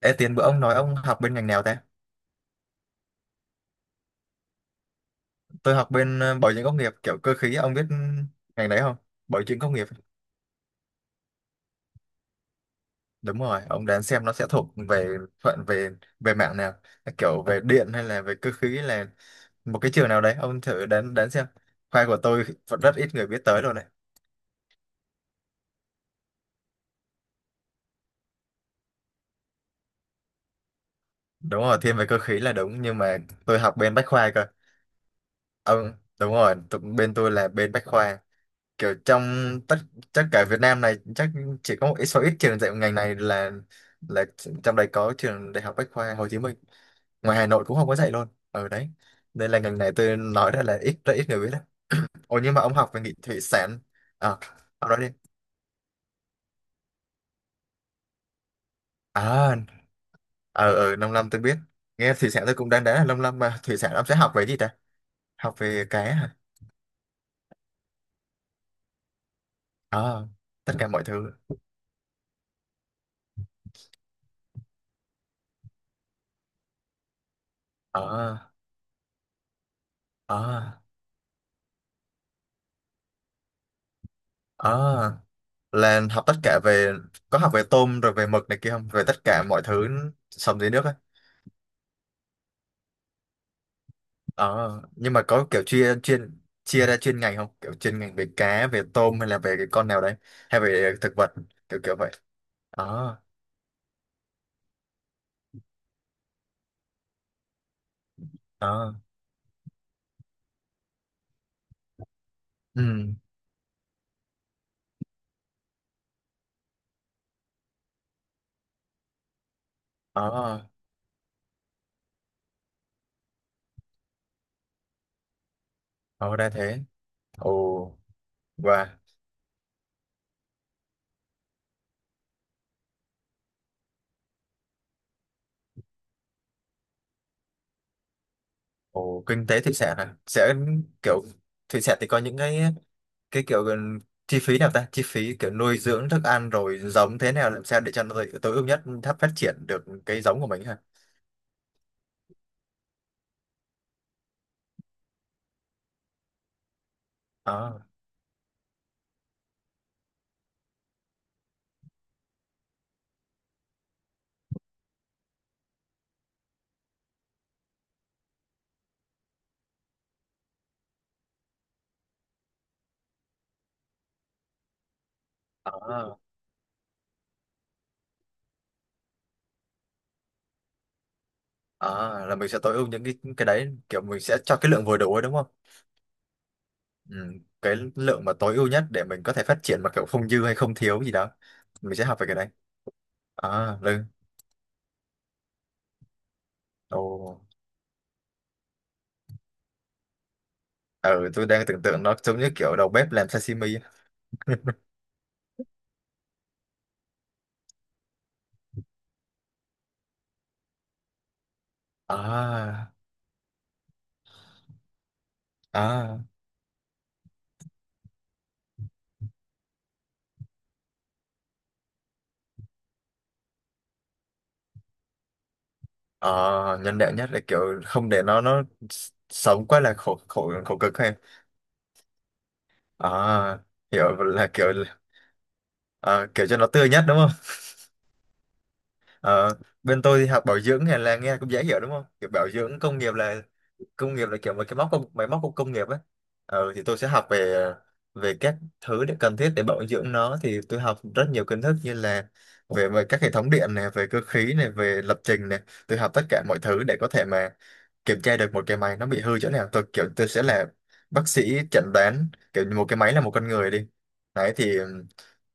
Ê, tiền bữa ông nói ông học bên ngành nào ta? Tôi học bên bảo dưỡng công nghiệp kiểu cơ khí, ông biết ngành đấy không? Bảo dưỡng công nghiệp. Đúng rồi, ông đoán xem nó sẽ thuộc về phận về về mạng nào, kiểu về điện hay là về cơ khí là một cái trường nào đấy, ông thử đoán đoán xem. Khoa của tôi vẫn rất ít người biết tới rồi này. Đúng rồi, thiên về cơ khí là đúng nhưng mà tôi học bên bách khoa cơ. Ông đúng rồi, bên tôi là bên bách khoa. Kiểu trong tất tất cả Việt Nam này chắc chỉ có một ít số ít trường dạy ngành này là trong đây có trường Đại học Bách khoa Hồ Chí Minh, ngoài Hà Nội cũng không có dạy luôn ở đấy. Đây là ngành này tôi nói ra là ít, rất ít người biết đấy. Ồ, nhưng mà ông học về nghị thủy sản. À, ông nói đi. À, ở ở nông lâm tôi biết, nghe thủy sản tôi cũng đang đá là nông lâm, mà thủy sản ông sẽ học về gì ta, học về cá hả? À, tất cả mọi thứ. Ờ. Ờ. Ờ, là học tất cả về, có học về tôm rồi về mực này kia không, về tất cả mọi thứ sống dưới nước ấy. Ờ, nhưng mà có kiểu chia chuyên, chia ra chuyên ngành không, kiểu chuyên ngành về cá về tôm hay là về cái con nào đấy hay về thực vật, kiểu kiểu vậy. Ờ. Ờ. Ừ. Ờ. Ờ, ra thế. Ồ. Và. Ồ, kinh tế thủy sản à, sẽ kiểu thủy sản thì có những cái cái kiểu gần- chi phí nào ta, chi phí kiểu nuôi dưỡng thức ăn rồi giống thế nào làm sao để cho nó tối tối ưu nhất thấp phát triển được cái giống của mình ha. À. À. À, là mình sẽ tối ưu những cái đấy kiểu mình sẽ cho cái lượng vừa đủ ấy đúng không? Ừ, cái lượng mà tối ưu nhất để mình có thể phát triển mà kiểu không dư hay không thiếu gì đó, mình sẽ học về cái đấy. À lưng. Ồ. Ừ, tôi đang tưởng tượng nó giống như kiểu đầu bếp làm sashimi. À. À. Ờ, nhân đạo nhất là kiểu không để nó sống quá là khổ khổ khổ cực hay. À, hiểu là kiểu ờ, kiểu cho nó tươi nhất đúng không? Ờ, bên tôi thì học bảo dưỡng này là nghe cũng dễ hiểu đúng không, kiểu bảo dưỡng công nghiệp là kiểu một cái móc công máy móc của công nghiệp ấy. Ờ, thì tôi sẽ học về về các thứ để cần thiết để bảo dưỡng nó, thì tôi học rất nhiều kiến thức như là về các hệ thống điện này về cơ khí này về lập trình này, tôi học tất cả mọi thứ để có thể mà kiểm tra được một cái máy nó bị hư chỗ nào. Tôi kiểu tôi sẽ là bác sĩ chẩn đoán, kiểu như một cái máy là một con người đi. Đấy thì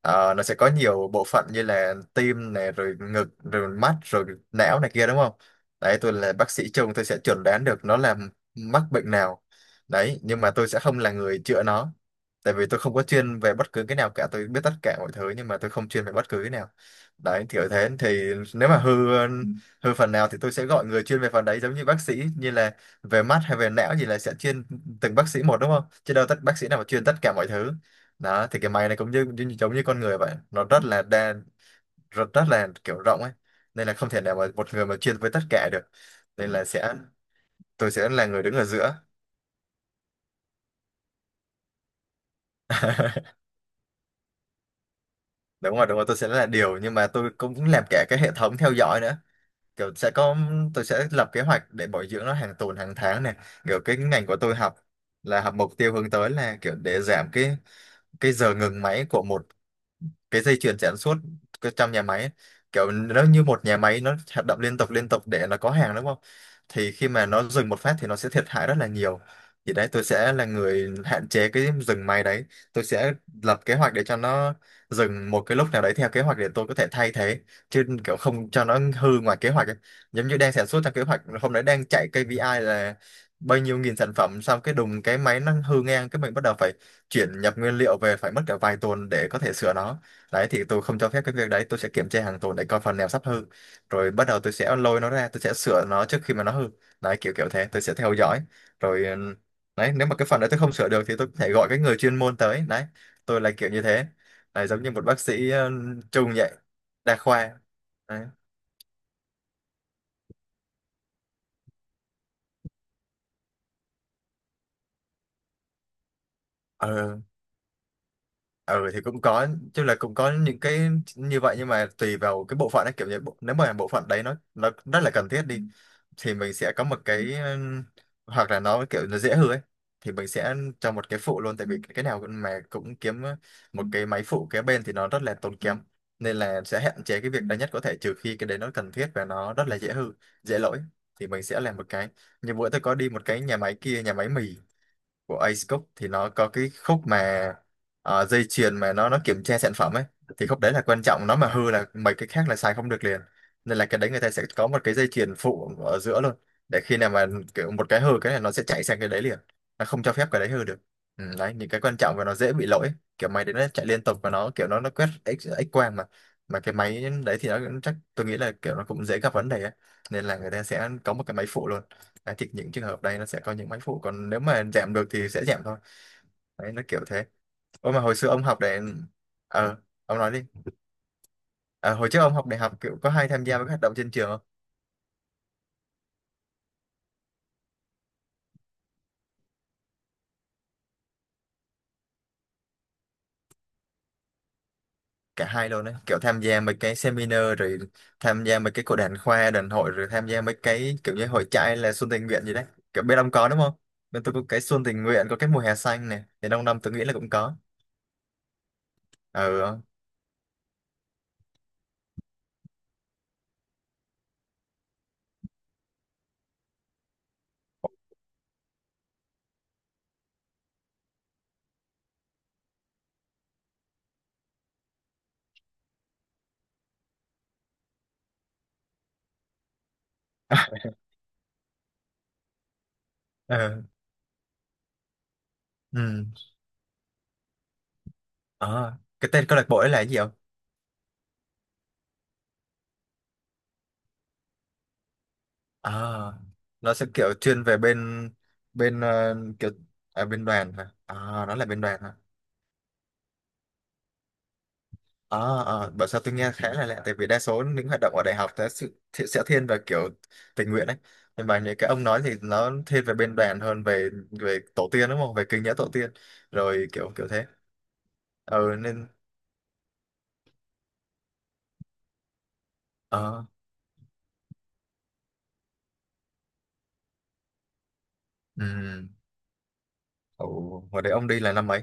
nó sẽ có nhiều bộ phận như là tim này rồi ngực rồi mắt rồi não này kia đúng không? Đấy tôi là bác sĩ chung, tôi sẽ chẩn đoán được nó là mắc bệnh nào. Đấy nhưng mà tôi sẽ không là người chữa nó, tại vì tôi không có chuyên về bất cứ cái nào cả, tôi biết tất cả mọi thứ nhưng mà tôi không chuyên về bất cứ cái nào. Đấy kiểu thế thì nếu mà hư thôi phần nào thì tôi sẽ gọi người chuyên về phần đấy, giống như bác sĩ như là về mắt hay về não gì là sẽ chuyên từng bác sĩ một đúng không? Chứ đâu tất bác sĩ nào mà chuyên tất cả mọi thứ. Đó thì cái máy này cũng như, như giống như con người vậy, nó rất là đa, rất là kiểu rộng ấy. Nên là không thể nào mà một người mà chuyên với tất cả được. Nên là sẽ tôi sẽ là người đứng ở giữa. Đúng rồi, tôi sẽ là điều nhưng mà tôi cũng làm cả cái hệ thống theo dõi nữa. Kiểu sẽ có tôi sẽ lập kế hoạch để bồi dưỡng nó hàng tuần hàng tháng này. Kiểu cái ngành của tôi học là học mục tiêu hướng tới là kiểu để giảm cái giờ ngừng máy của một cái dây chuyền sản xuất cái trong nhà máy ấy, kiểu nó như một nhà máy nó hoạt động liên tục để nó có hàng đúng không? Thì khi mà nó dừng một phát thì nó sẽ thiệt hại rất là nhiều. Thì đấy tôi sẽ là người hạn chế cái dừng máy đấy. Tôi sẽ lập kế hoạch để cho nó dừng một cái lúc nào đấy theo kế hoạch để tôi có thể thay thế, chứ kiểu không cho nó hư ngoài kế hoạch ấy. Giống như đang sản xuất theo kế hoạch hôm đấy đang chạy KPI là bao nhiêu nghìn sản phẩm xong cái đùng cái máy nó hư ngang cái mình bắt đầu phải chuyển nhập nguyên liệu về phải mất cả vài tuần để có thể sửa nó. Đấy thì tôi không cho phép cái việc đấy, tôi sẽ kiểm tra hàng tuần để coi phần nào sắp hư, rồi bắt đầu tôi sẽ lôi nó ra tôi sẽ sửa nó trước khi mà nó hư. Đấy kiểu kiểu thế tôi sẽ theo dõi rồi đấy nếu mà cái phần đấy tôi không sửa được thì tôi có thể gọi cái người chuyên môn tới đấy. Tôi là kiểu như thế đấy, giống như một bác sĩ chung vậy, đa khoa. Đấy. Ờ, ừ thì cũng có chứ, là cũng có những cái như vậy nhưng mà tùy vào cái bộ phận ấy kiểu như nếu mà bộ phận đấy nó rất là cần thiết đi thì mình sẽ có một cái hoặc là nó kiểu nó dễ hư ấy thì mình sẽ cho một cái phụ luôn, tại vì mà cũng kiếm một cái máy phụ kế bên thì nó rất là tốn kém, nên là sẽ hạn chế cái việc đấy nhất có thể, trừ khi cái đấy nó cần thiết và nó rất là dễ hư dễ lỗi thì mình sẽ làm một cái. Như bữa tôi có đi một cái nhà máy kia, nhà máy mì của Ace Cook, thì nó có cái khúc mà dây chuyền mà nó kiểm tra sản phẩm ấy, thì khúc đấy là quan trọng, nó mà hư là mấy cái khác là xài không được liền, nên là cái đấy người ta sẽ có một cái dây chuyền phụ ở giữa luôn, để khi nào mà kiểu một cái hư cái này nó sẽ chạy sang cái đấy liền, nó không cho phép cái đấy hư được. Ừ, đấy những cái quan trọng và nó dễ bị lỗi, kiểu máy đấy nó chạy liên tục và nó kiểu nó quét x x quang mà cái máy đấy thì nó cũng chắc tôi nghĩ là kiểu nó cũng dễ gặp vấn đề ấy. Nên là người ta sẽ có một cái máy phụ luôn. Đấy, thì những trường hợp đây nó sẽ có những máy phụ, còn nếu mà giảm được thì sẽ giảm thôi. Đấy nó kiểu thế. Ôi mà hồi xưa ông học để ờ, ông nói đi. Ờ, hồi trước ông học đại học kiểu có hay tham gia với các hoạt động trên trường không? Cả hai luôn đấy, kiểu tham gia mấy cái seminar rồi tham gia mấy cái cuộc đàn khoa đàn hội rồi tham gia mấy cái kiểu như hội trại là xuân tình nguyện gì đấy, kiểu bên ông có đúng không? Bên tôi có cái xuân tình nguyện, có cái mùa hè xanh này thì đông đông tôi nghĩ là cũng có. Ờ. Ờ. Ừ. Ờ, cái tên câu lạc bộ đấy là cái gì không? À, nó sẽ kiểu chuyên về bên bên ờ, kiểu à, bên đoàn hả à? Nó là bên đoàn hả? À, à bảo sao tôi nghe khá là lạ, tại vì đa số những hoạt động ở đại học sẽ sự thì sẽ thiên về kiểu tình nguyện đấy, nhưng mà những cái ông nói thì nó thiên về bên đoàn hơn, về về tổ tiên đúng không, về kinh nghĩa tổ tiên, rồi kiểu kiểu thế. Ừ nên ờ ừ. Ồ, hồi đấy ông đi là năm mấy?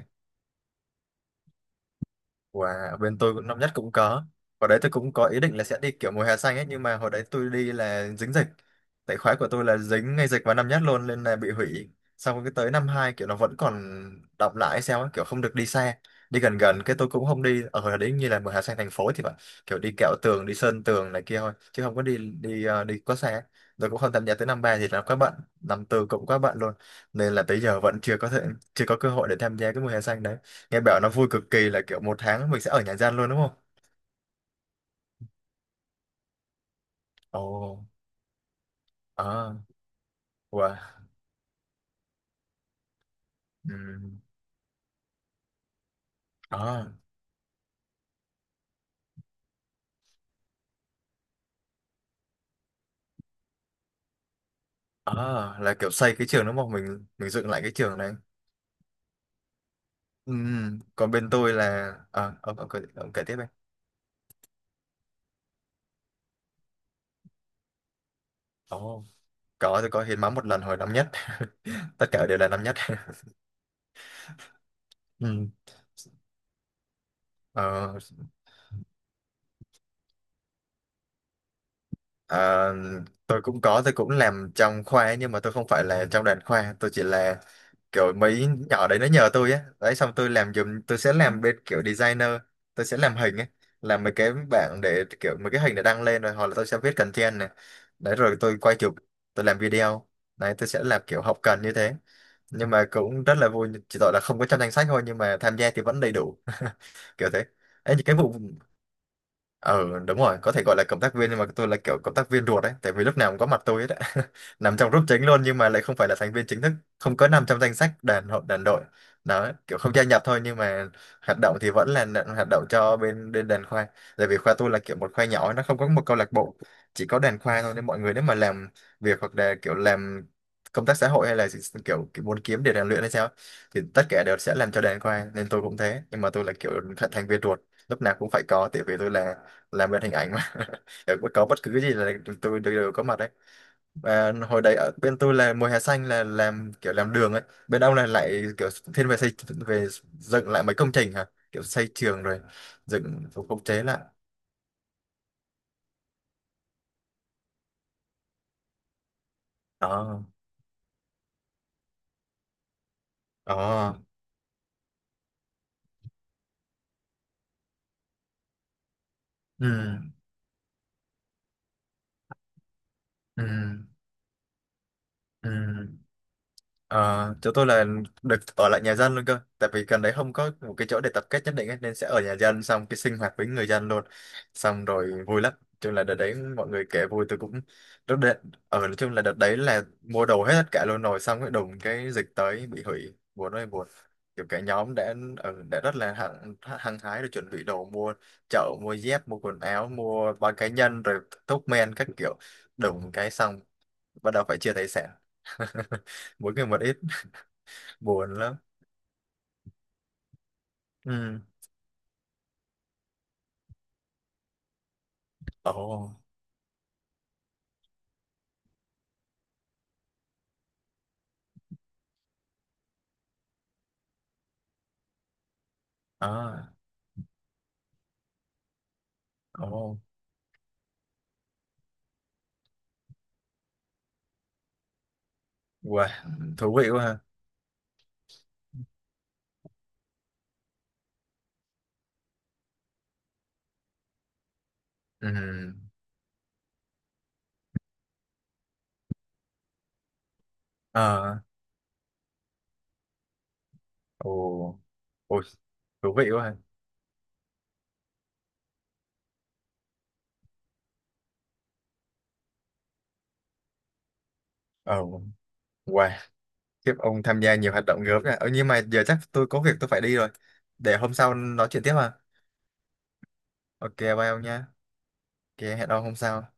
Wow, bên tôi cũng năm nhất cũng có. Hồi đấy tôi cũng có ý định là sẽ đi kiểu mùa hè xanh ấy, nhưng mà hồi đấy tôi đi là dính dịch. Tại khóa của tôi là dính ngay dịch vào năm nhất luôn nên là bị hủy. Xong cái tới năm hai kiểu nó vẫn còn đọng lại hay sao ấy, kiểu không được đi xa. Đi gần gần cái tôi cũng không đi ở hồi đấy như là mùa hè xanh thành phố thì phải, kiểu đi kẹo tường, đi sơn tường này kia thôi, chứ không có đi đi ờ, đi quá xa. Rồi cũng không tham gia, tới năm ba thì là quá bận, năm tư cũng quá bận luôn. Nên là tới giờ vẫn chưa có cơ hội để tham gia cái mùa hè xanh đấy. Nghe bảo nó vui cực kỳ, là kiểu một tháng mình sẽ ở nhà gian luôn đúng không? Ồ, à, wow, ừm, à, à, là kiểu xây cái trường đúng không? Mình dựng lại cái trường này. Ừm. Còn bên tôi là, ông kể tiếp em. Ồ, có tôi có hiến máu một lần hồi năm nhất, tất cả đều là năm nhất. Ừm. Ờ, à, tôi cũng làm trong khoa ấy, nhưng mà tôi không phải là trong đoàn khoa, tôi chỉ là kiểu mấy nhỏ đấy nó nhờ tôi á đấy xong tôi làm giùm, tôi sẽ làm bên kiểu designer, tôi sẽ làm hình ấy, làm mấy cái bảng để kiểu mấy cái hình để đăng lên rồi, hoặc là tôi sẽ viết content này đấy, rồi tôi quay chụp, tôi làm video đấy, tôi sẽ làm kiểu hậu cần như thế, nhưng mà cũng rất là vui, chỉ tội là không có trong danh sách thôi, nhưng mà tham gia thì vẫn đầy đủ. Kiểu thế ấy, những cái vụ ừ đúng rồi, có thể gọi là cộng tác viên, nhưng mà tôi là kiểu cộng tác viên ruột đấy, tại vì lúc nào cũng có mặt tôi ấy đấy. Nằm trong group chính luôn, nhưng mà lại không phải là thành viên chính thức, không có nằm trong danh sách đàn hội đàn đội đó, kiểu không gia nhập thôi, nhưng mà hoạt động thì vẫn là hoạt động cho bên bên đàn khoa, tại vì khoa tôi là kiểu một khoa nhỏ, nó không có một câu lạc bộ, chỉ có đàn khoa thôi, nên mọi người nếu mà làm việc hoặc là kiểu làm công tác xã hội hay là kiểu muốn kiếm để rèn luyện hay sao, thì tất cả đều sẽ làm cho đàn khoa, nên tôi cũng thế, nhưng mà tôi là kiểu thành thành viên ruột, lúc nào cũng phải có, tại vì tôi là làm bên hình ảnh mà. Có bất cứ gì là tụi tôi đều có mặt đấy, và hồi đấy ở bên tôi là mùa hè xanh là làm kiểu làm đường ấy, bên ông là lại kiểu thiên về xây, về dựng lại mấy công trình hả, kiểu xây trường rồi dựng phục vụ chế lại. Đó, đó, ừ, ừ, ừ. Ờ, chỗ tôi là được ở lại nhà dân luôn cơ, tại vì gần đấy không có một cái chỗ để tập kết nhất định ấy, nên sẽ ở nhà dân xong cái sinh hoạt với người dân luôn, xong rồi vui lắm. Nói chung là đợt đấy mọi người kể vui, tôi cũng rất đợt ở nói chung là đợt đấy là mua đồ hết tất cả luôn rồi, xong cái đùng cái dịch tới bị hủy, buồn ơi buồn. Kiểu cả nhóm đã ở đã rất là hăng hăng hái rồi, chuẩn bị đồ mua chợ, mua dép, mua quần áo, mua bao cá nhân, rồi thuốc men các kiểu, đùng cái xong, bắt đầu phải chia tài sản, mỗi người một ít, buồn lắm. Ừ, ồ, à, ồ, wow, thú vị quá ha. Ừ, à, ồ, ôi, thú vị quá ha. Ồ, wow. Tiếp, ông tham gia nhiều hoạt động gớm này. Ờ, nhưng mà giờ chắc tôi có việc tôi phải đi rồi, để hôm sau nói chuyện tiếp ha. OK, bye ông nha. OK, hẹn ông hôm sau.